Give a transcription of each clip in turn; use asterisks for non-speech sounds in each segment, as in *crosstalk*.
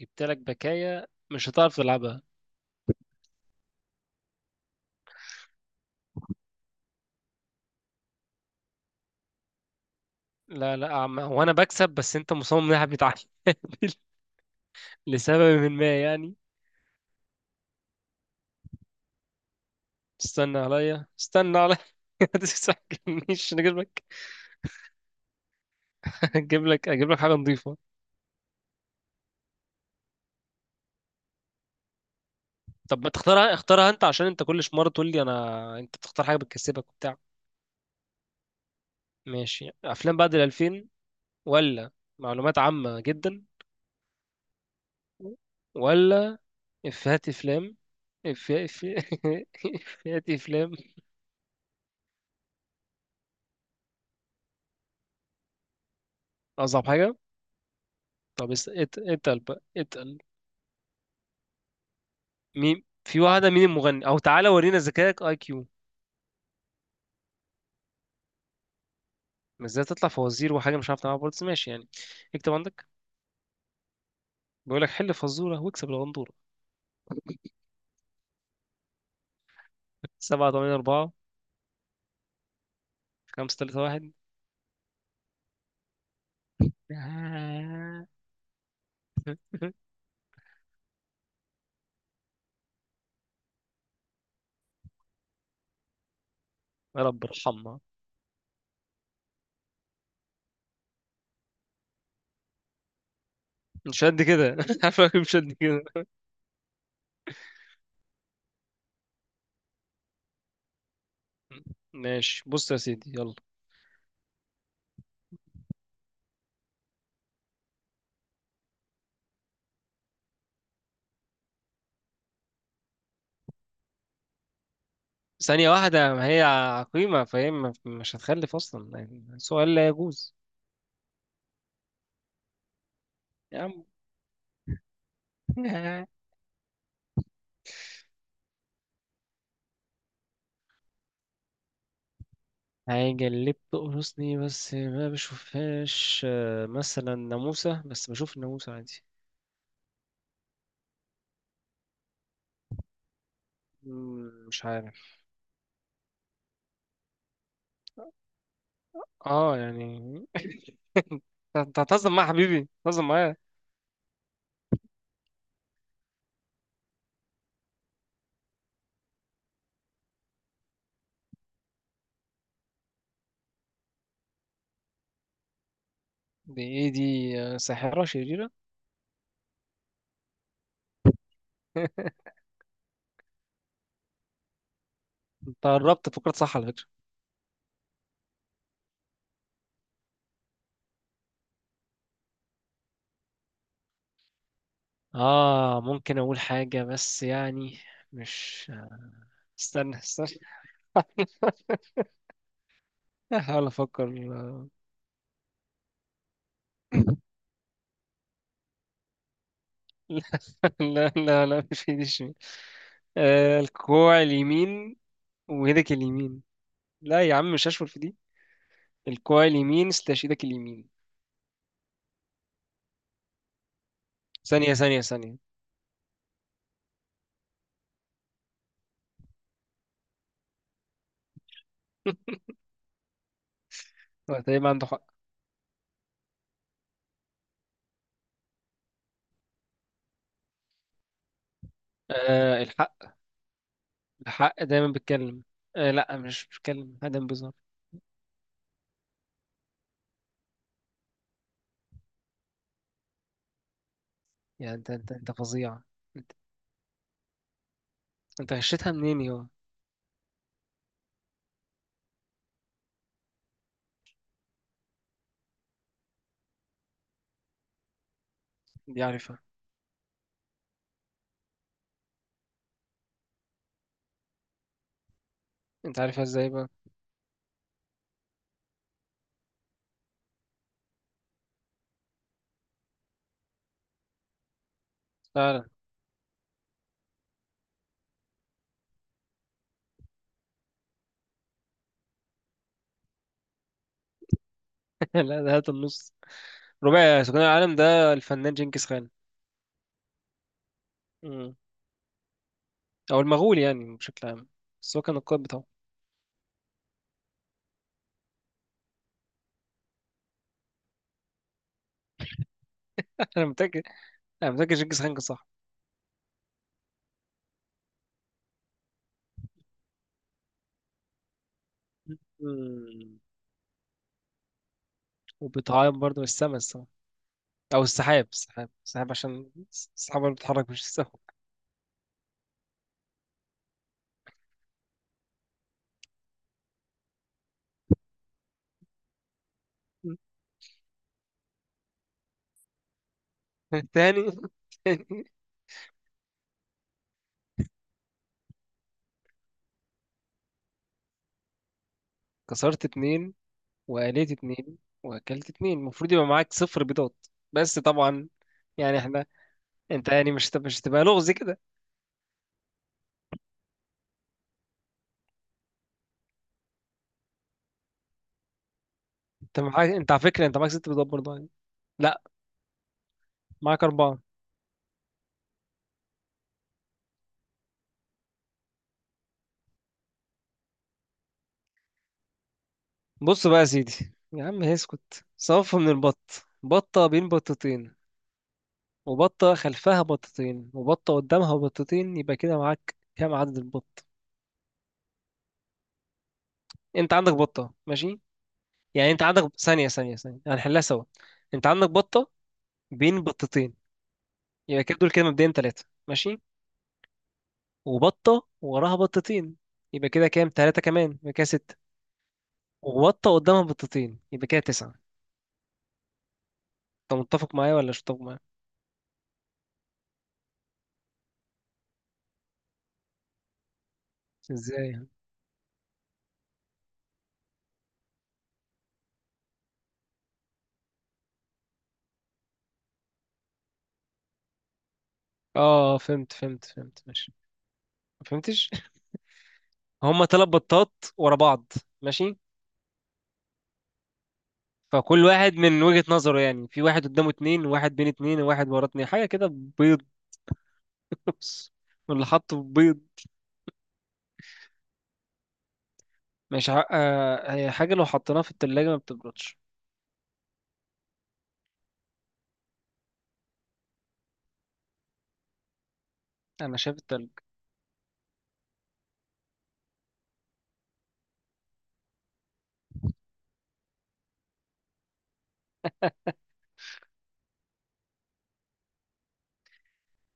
جبت لك بكاية مش هتعرف تلعبها. لا عم... وانا بكسب، بس انت مصمم ناحية بيتعادل. *laughs* لسبب ما يعني. استنى عليا. *laughs* ما تسحبنيش، انا اجيب لك اجيب لك حاجة نظيفة. طب ما تختارها، اختارها انت عشان انت كل مرة تقول لي انا، انت بتختار حاجة بتكسبك وبتاع. ماشي، افلام بعد ال 2000، ولا معلومات عامة جدا، ولا افيهات افلام. افيهات *laughs* افيهات افلام. اصعب حاجة. طب اتقل بقى اتقل. مين في واحدة، مين المغني؟ أو تعالى ورينا ذكائك، أي كيو. بس ازاي تطلع فوازير وحاجة مش عارف تعملها برضه، بس ماشي يعني. اكتب عندك. بيقول لك حل فزورة واكسب الغندورة. *laughs* سبعة تمانية أربعة. خمسة تلاتة واحد. *laughs* يا رب ارحمها. مش قد كده. *laughs* عارفك مش قد كده. ماشي، بص يا سيدي، يلا. ثانية واحدة، ما هي عقيمة فهي مش هتخلف أصلا، يعني سؤال لا يجوز. يا عم *laughs* حاجة اللي بتقرصني بس ما بشوفهاش، آه، مثلا ناموسة، بس بشوف الناموسة عادي. مش عارف. اه يعني. *laughs* انت هتهزم معايا يا حبيبي، هتهزم معايا. دي ايه دي؟ آه، ساحرة شريرة. *laughs* انت قربت فكرة، صح على فكرة. اه ممكن اقول حاجة بس يعني مش استنى. *laughs* هحاول افكر. آه، *laughs* لا مش في دي الشمال. آه، الكوع اليمين ويدك اليمين. لا يا عم مش هشمل في دي. الكوع اليمين، استشهدك اليمين. ثانية. *laughs* هو تقريبا عنده حق. آه، الحق. الحق دايما بيتكلم. آه لا، مش بيتكلم دايما، بيظهر. يعني انت فظيع. انت انت غشيتها منين يا؟ دي عارفها. انت عارفها ازاي بقى؟ فعلا. *laughs* لا، ده هات النص. رباعي سكان العالم، ده الفنان جنكيز خان. مم. او المغول يعني بشكل عام، بس هو كان القائد بتاعه. *laughs* انا متاكد، انا متاكد جنكيز خان كان صح. مم. وبيتعاقب برضه من السمس. او السحاب، السحاب عشان السحاب اللي بتتحرك، مش السحاب. *laughs* تاني، تاني. كسرت اتنين وقليت اتنين واكلت اتنين، المفروض يبقى معاك صفر بيضات، بس طبعا يعني احنا. انت يعني مش هتبقى لغز كده. انت معاك، انت على فكره، انت معاك ست بيضات برضه يعني. لا، معاك اربعه. بص بقى يا سيدي، يا عم اسكت. صف من البط، بطه بين بطتين، وبطه خلفها بطتين، وبطه قدامها بطتين، يبقى كده معاك كام عدد البط؟ انت عندك بطه ماشي، يعني انت عندك ثانية، هنحلها سوا. انت عندك بطة بين بطتين، يبقى كده دول كده مبدئيا ثلاثة ماشي. وبطة وراها بطتين، يبقى كده كام؟ ثلاثة كمان، يبقى كده ستة. وبطة قدامها بطتين، يبقى كده تسعة. انت متفق معايا ولا مش متفق معايا؟ ازاي يعني؟ اه فهمت ماشي. ما فهمتش. *laughs* هما ثلاث بطات ورا بعض. ماشي، فكل واحد من وجهة نظره يعني، في واحد قدامه اتنين، وواحد بين اتنين، وواحد ورا اتنين، حاجة كده. بيض. *laughs* واللي حاطه بيض. مش ع... آه... هي حاجة لو حطيناها في التلاجة ما بتبردش. أنا شايف التلج.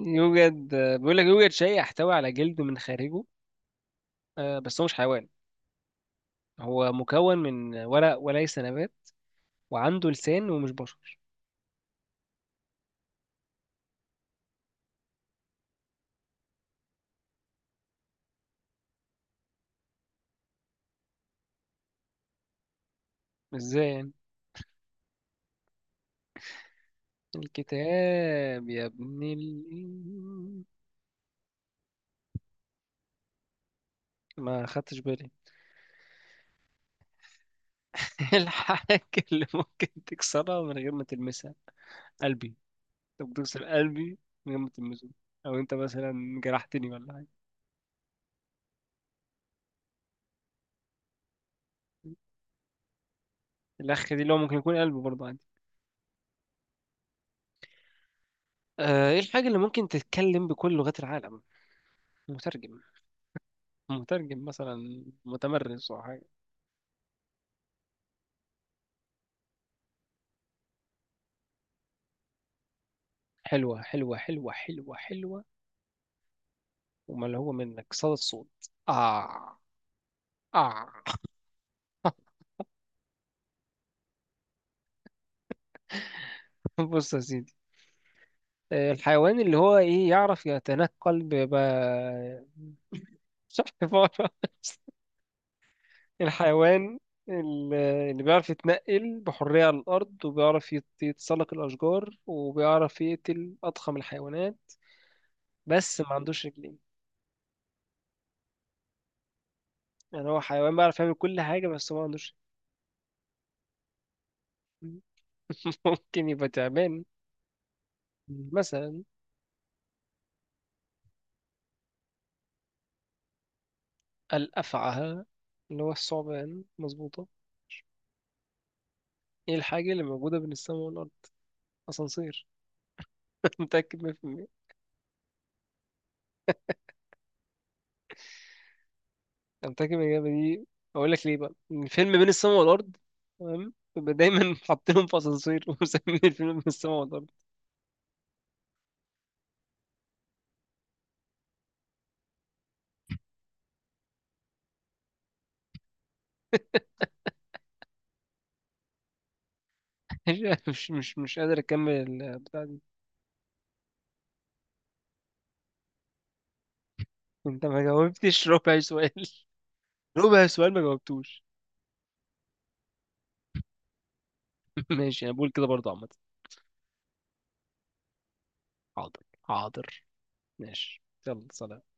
يوجد، آه، بيقول لك يوجد شيء يحتوي على جلد من خارجه، آه، بس هو مش حيوان، هو مكون من ورق وليس نبات، وعنده لسان ومش بشر. ازاي يعني؟ الكتاب يا ابن ال. ما خدتش بالي. *laughs* الحاجة اللي ممكن تكسرها من غير ما تلمسها. قلبي. انت بتكسر قلبي من غير ما تلمسه. او انت مثلا جرحتني ولا حاجة. الأخ دي اللي هو ممكن يكون قلبي برضه عادي. آه، ايه الحاجة اللي ممكن تتكلم بكل لغات العالم؟ مترجم. مترجم مثلا متمرس او حاجة. حلوة. وما اللي هو منك صدى الصوت. اه. اه. *laughs* بص يا سيدي. آه، الحيوان اللي هو ايه، يعرف يتنقل *laughs* مش عارف عبارة. *laughs* الحيوان اللي بيعرف يتنقل بحرية على الأرض، وبيعرف يتسلق الأشجار، وبيعرف يقتل أضخم الحيوانات، بس ما عندوش رجلين. يعني هو حيوان بيعرف يعمل كل حاجة بس ما عندوش. *laughs* ممكن يبقى تعبان مثلا. الأفعى، اللي هو الثعبان، مظبوطة. ايه الحاجة اللي موجودة بين السماء والأرض؟ أسانسير. *laughs* متأكد 100%. أنا متأكد من الإجابة دي. أقول لك ليه بقى؟ الفيلم بين السماء والأرض، تمام، بيبقى دايما حاطينهم في أسانسير *laughs* ومسمين الفيلم بين السماء والأرض. *laughs* مش قادر أكمل البتاع دي. أنت ما جاوبتش ربع سؤال. *laughs* ربع سؤال ما جاوبتوش. *laughs* ماشي، أنا بقول كده برضه عامة. حاضر، حاضر. ماشي، يلا، سلام.